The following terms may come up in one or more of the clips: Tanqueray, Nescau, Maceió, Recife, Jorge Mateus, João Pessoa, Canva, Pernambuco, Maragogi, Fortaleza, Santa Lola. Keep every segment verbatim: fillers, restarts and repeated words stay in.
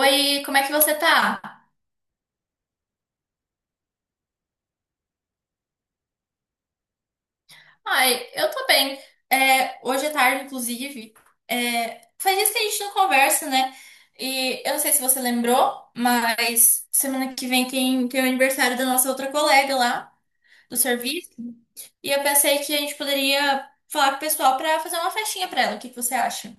Oi, como é que você tá? Ai, eu tô bem. É, hoje é tarde, inclusive. É, faz dias que a gente não conversa, né? E eu não sei se você lembrou, mas semana que vem tem, tem o aniversário da nossa outra colega lá do serviço. E eu pensei que a gente poderia falar com o pessoal pra fazer uma festinha pra ela. O que que você acha?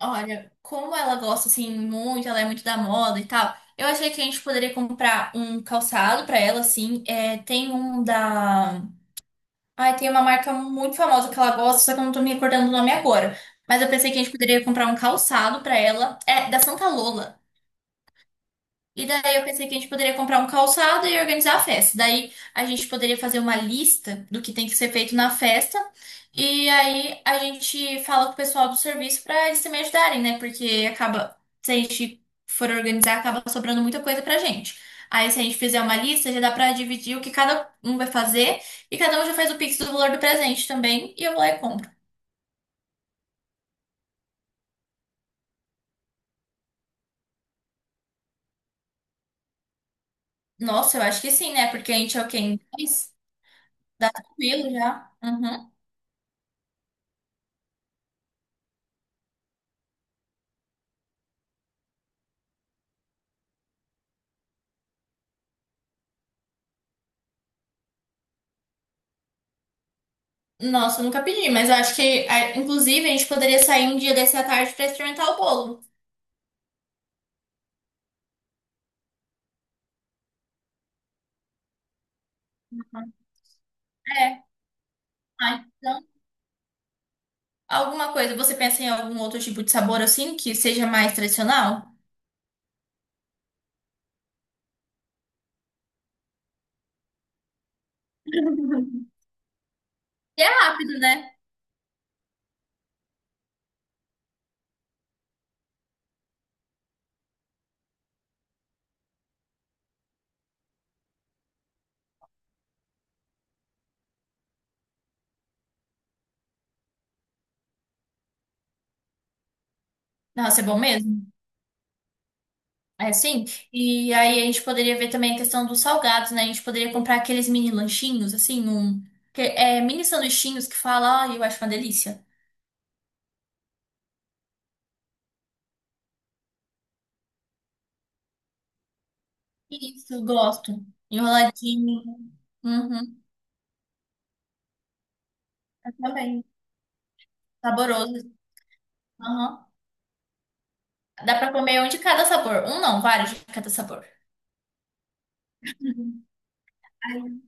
Olha, como ela gosta assim muito, ela é muito da moda e tal. Eu achei que a gente poderia comprar um calçado pra ela, assim. É, tem um da Ai, tem uma marca muito famosa que ela gosta, só que eu não tô me recordando o nome agora. Mas eu pensei que a gente poderia comprar um calçado pra ela. É da Santa Lola. E daí eu pensei que a gente poderia comprar um calçado e organizar a festa. Daí a gente poderia fazer uma lista do que tem que ser feito na festa. E aí a gente fala com o pessoal do serviço para eles também ajudarem, né? Porque acaba, se a gente for organizar, acaba sobrando muita coisa pra gente. Aí se a gente fizer uma lista, já dá pra dividir o que cada um vai fazer e cada um já faz o pix do valor do presente também e eu vou lá e compro. Nossa, eu acho que sim, né? Porque a gente é o quê? Em dez? Dá tranquilo já. Uhum. Nossa, eu nunca pedi, mas eu acho que, ah, inclusive, a gente poderia sair um dia desse à tarde pra experimentar o bolo. É. Ah, então, alguma coisa, você pensa em algum outro tipo de sabor assim, que seja mais tradicional? E é rápido, né? Nossa, é bom mesmo. É sim. E aí a gente poderia ver também a questão dos salgados, né? A gente poderia comprar aqueles mini lanchinhos, assim, um. que- É, mini sanduichinhos que fala, ai, eu acho uma delícia. Isso, gosto. Enroladinho. Uhum. Eu também. Saboroso. Aham. Dá pra comer um de cada sabor. Um não, vários de cada sabor. Uhum. Ai,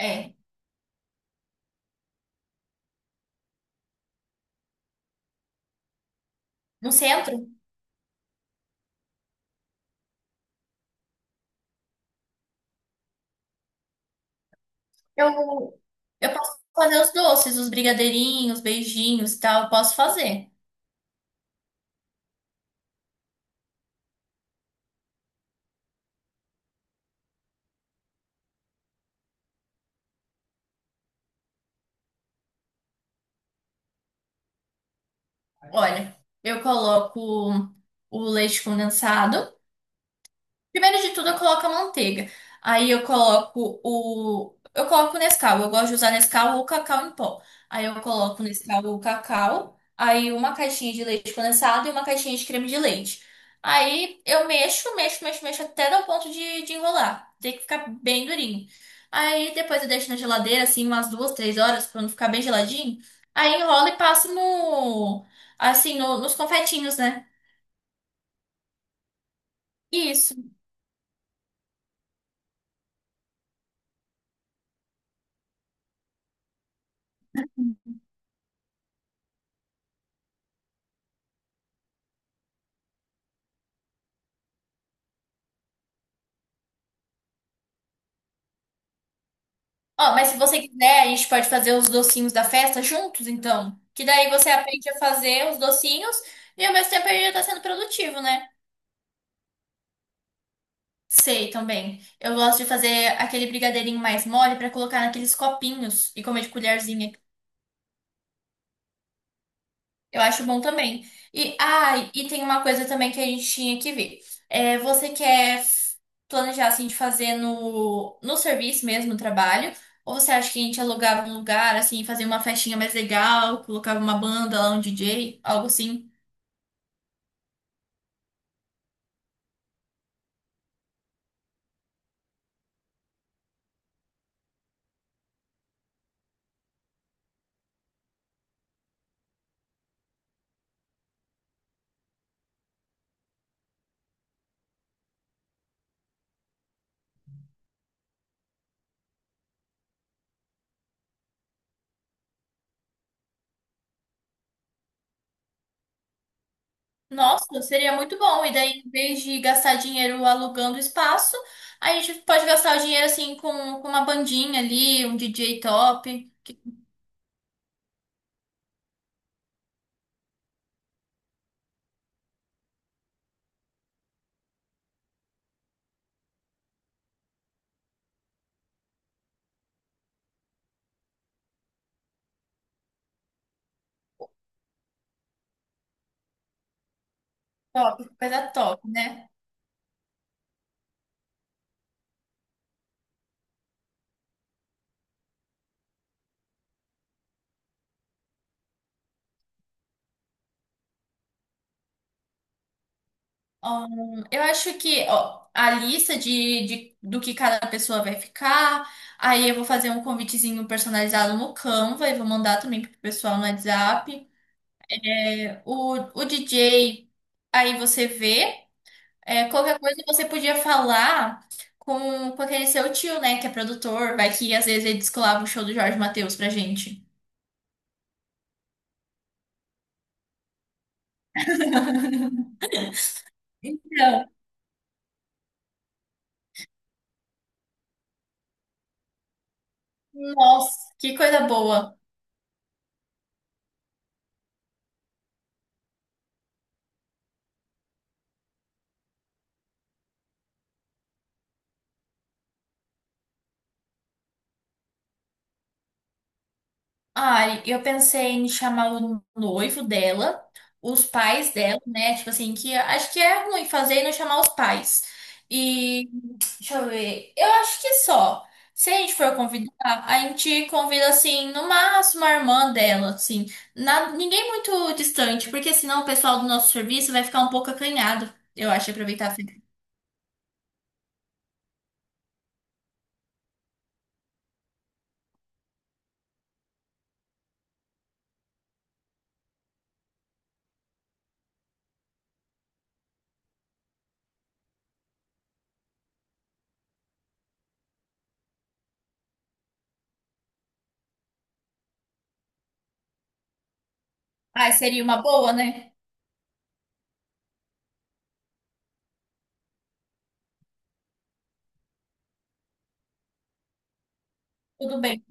É. No centro, Eu, eu posso fazer os doces, os brigadeirinhos, beijinhos e tal. Eu posso fazer. Olha, eu coloco o leite condensado. Primeiro de tudo, eu coloco a manteiga. Aí eu coloco o. Eu coloco o Nescau. Eu gosto de usar Nescau ou cacau em pó. Aí eu coloco o Nescau ou cacau. Aí uma caixinha de leite condensado e uma caixinha de creme de leite. Aí eu mexo, mexo, mexo, mexo até dar o ponto de, de enrolar. Tem que ficar bem durinho. Aí depois eu deixo na geladeira, assim, umas duas, três horas, pra não ficar bem geladinho. Aí enrola e passo no. Assim, no- nos confetinhos, né? Isso. Ó, mas se você quiser, a gente pode fazer os docinhos da festa juntos, então. Que daí você aprende a fazer os docinhos e ao mesmo tempo ele já tá sendo produtivo, né? Sei também. Eu gosto de fazer aquele brigadeirinho mais mole pra colocar naqueles copinhos e comer de colherzinha. Eu acho bom também. E, ah, e tem uma coisa também que a gente tinha que ver. É, você quer f- planejar assim de fazer no, no serviço mesmo, no trabalho? Ou você acha que a gente alugava um lugar, assim, fazia uma festinha mais legal, colocava uma banda lá, um D J, algo assim? Nossa, seria muito bom. E daí, em vez de gastar dinheiro alugando espaço, a gente pode gastar o dinheiro assim com, com uma bandinha ali, um D J top. Top, coisa top, né? Ahn, eu acho que ó, a lista de, de- do que cada pessoa vai ficar, aí eu vou fazer um convitezinho personalizado no Canva e vou mandar também pro pessoal no WhatsApp. É, O, o D J, aí você vê. É, qualquer coisa você podia falar com, com aquele seu tio, né, que é produtor, vai que às vezes ele descolava o show do Jorge Mateus pra gente. Então, nossa, que coisa boa. Olha, eu pensei em chamar o noivo dela, os pais dela, né? Tipo assim, que acho que é ruim fazer e não chamar os pais. E deixa eu ver. Eu acho que só. Se a gente for convidar, a gente convida assim, no máximo a irmã dela, assim. Na- ninguém muito distante, porque senão o pessoal do nosso serviço vai ficar um pouco acanhado. Eu acho aproveitar a festa. Ah, seria uma boa, né? Tudo bem.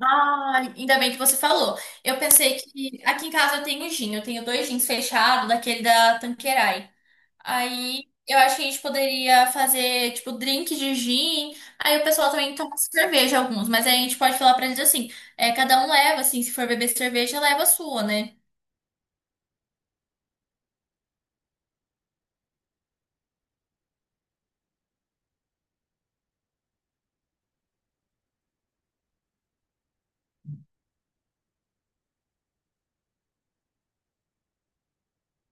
Ah, ainda bem que você falou. Eu pensei que aqui em casa eu tenho gin, eu tenho dois gins fechados, daquele da Tanqueray. Aí eu acho que a gente poderia fazer, tipo, drink de gin. Aí o pessoal também toma cerveja alguns, mas aí a gente pode falar pra eles assim: é, cada um leva, assim, se for beber cerveja, leva a sua, né?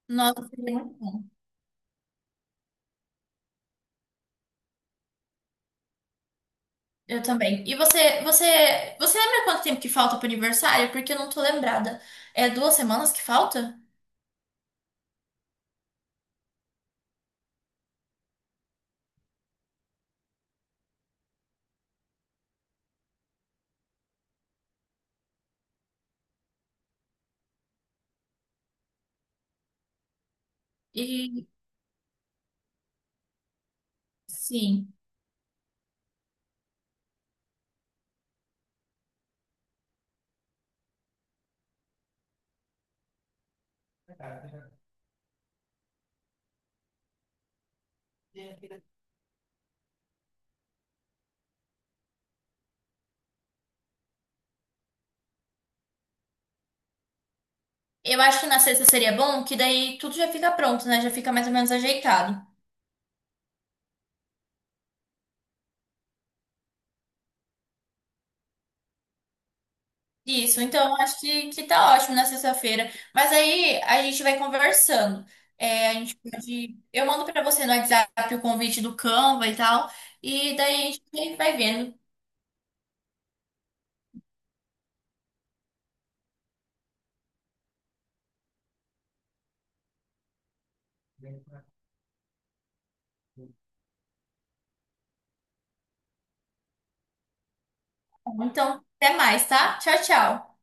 Nossa, seria muito bom. Eu também. E você, você, você lembra quanto tempo que falta pro aniversário? Porque eu não tô lembrada. É duas semanas que falta? E sim. Eu acho que na sexta seria bom, que daí tudo já fica pronto, né? Já fica mais ou menos ajeitado. Isso, então eu acho que, que tá ótimo na sexta-feira. Mas aí a gente vai conversando. É, a gente pode. Eu mando pra você no WhatsApp o convite do Canva e tal. E daí a gente vai vendo. Então, até mais, tá? Tchau, tchau.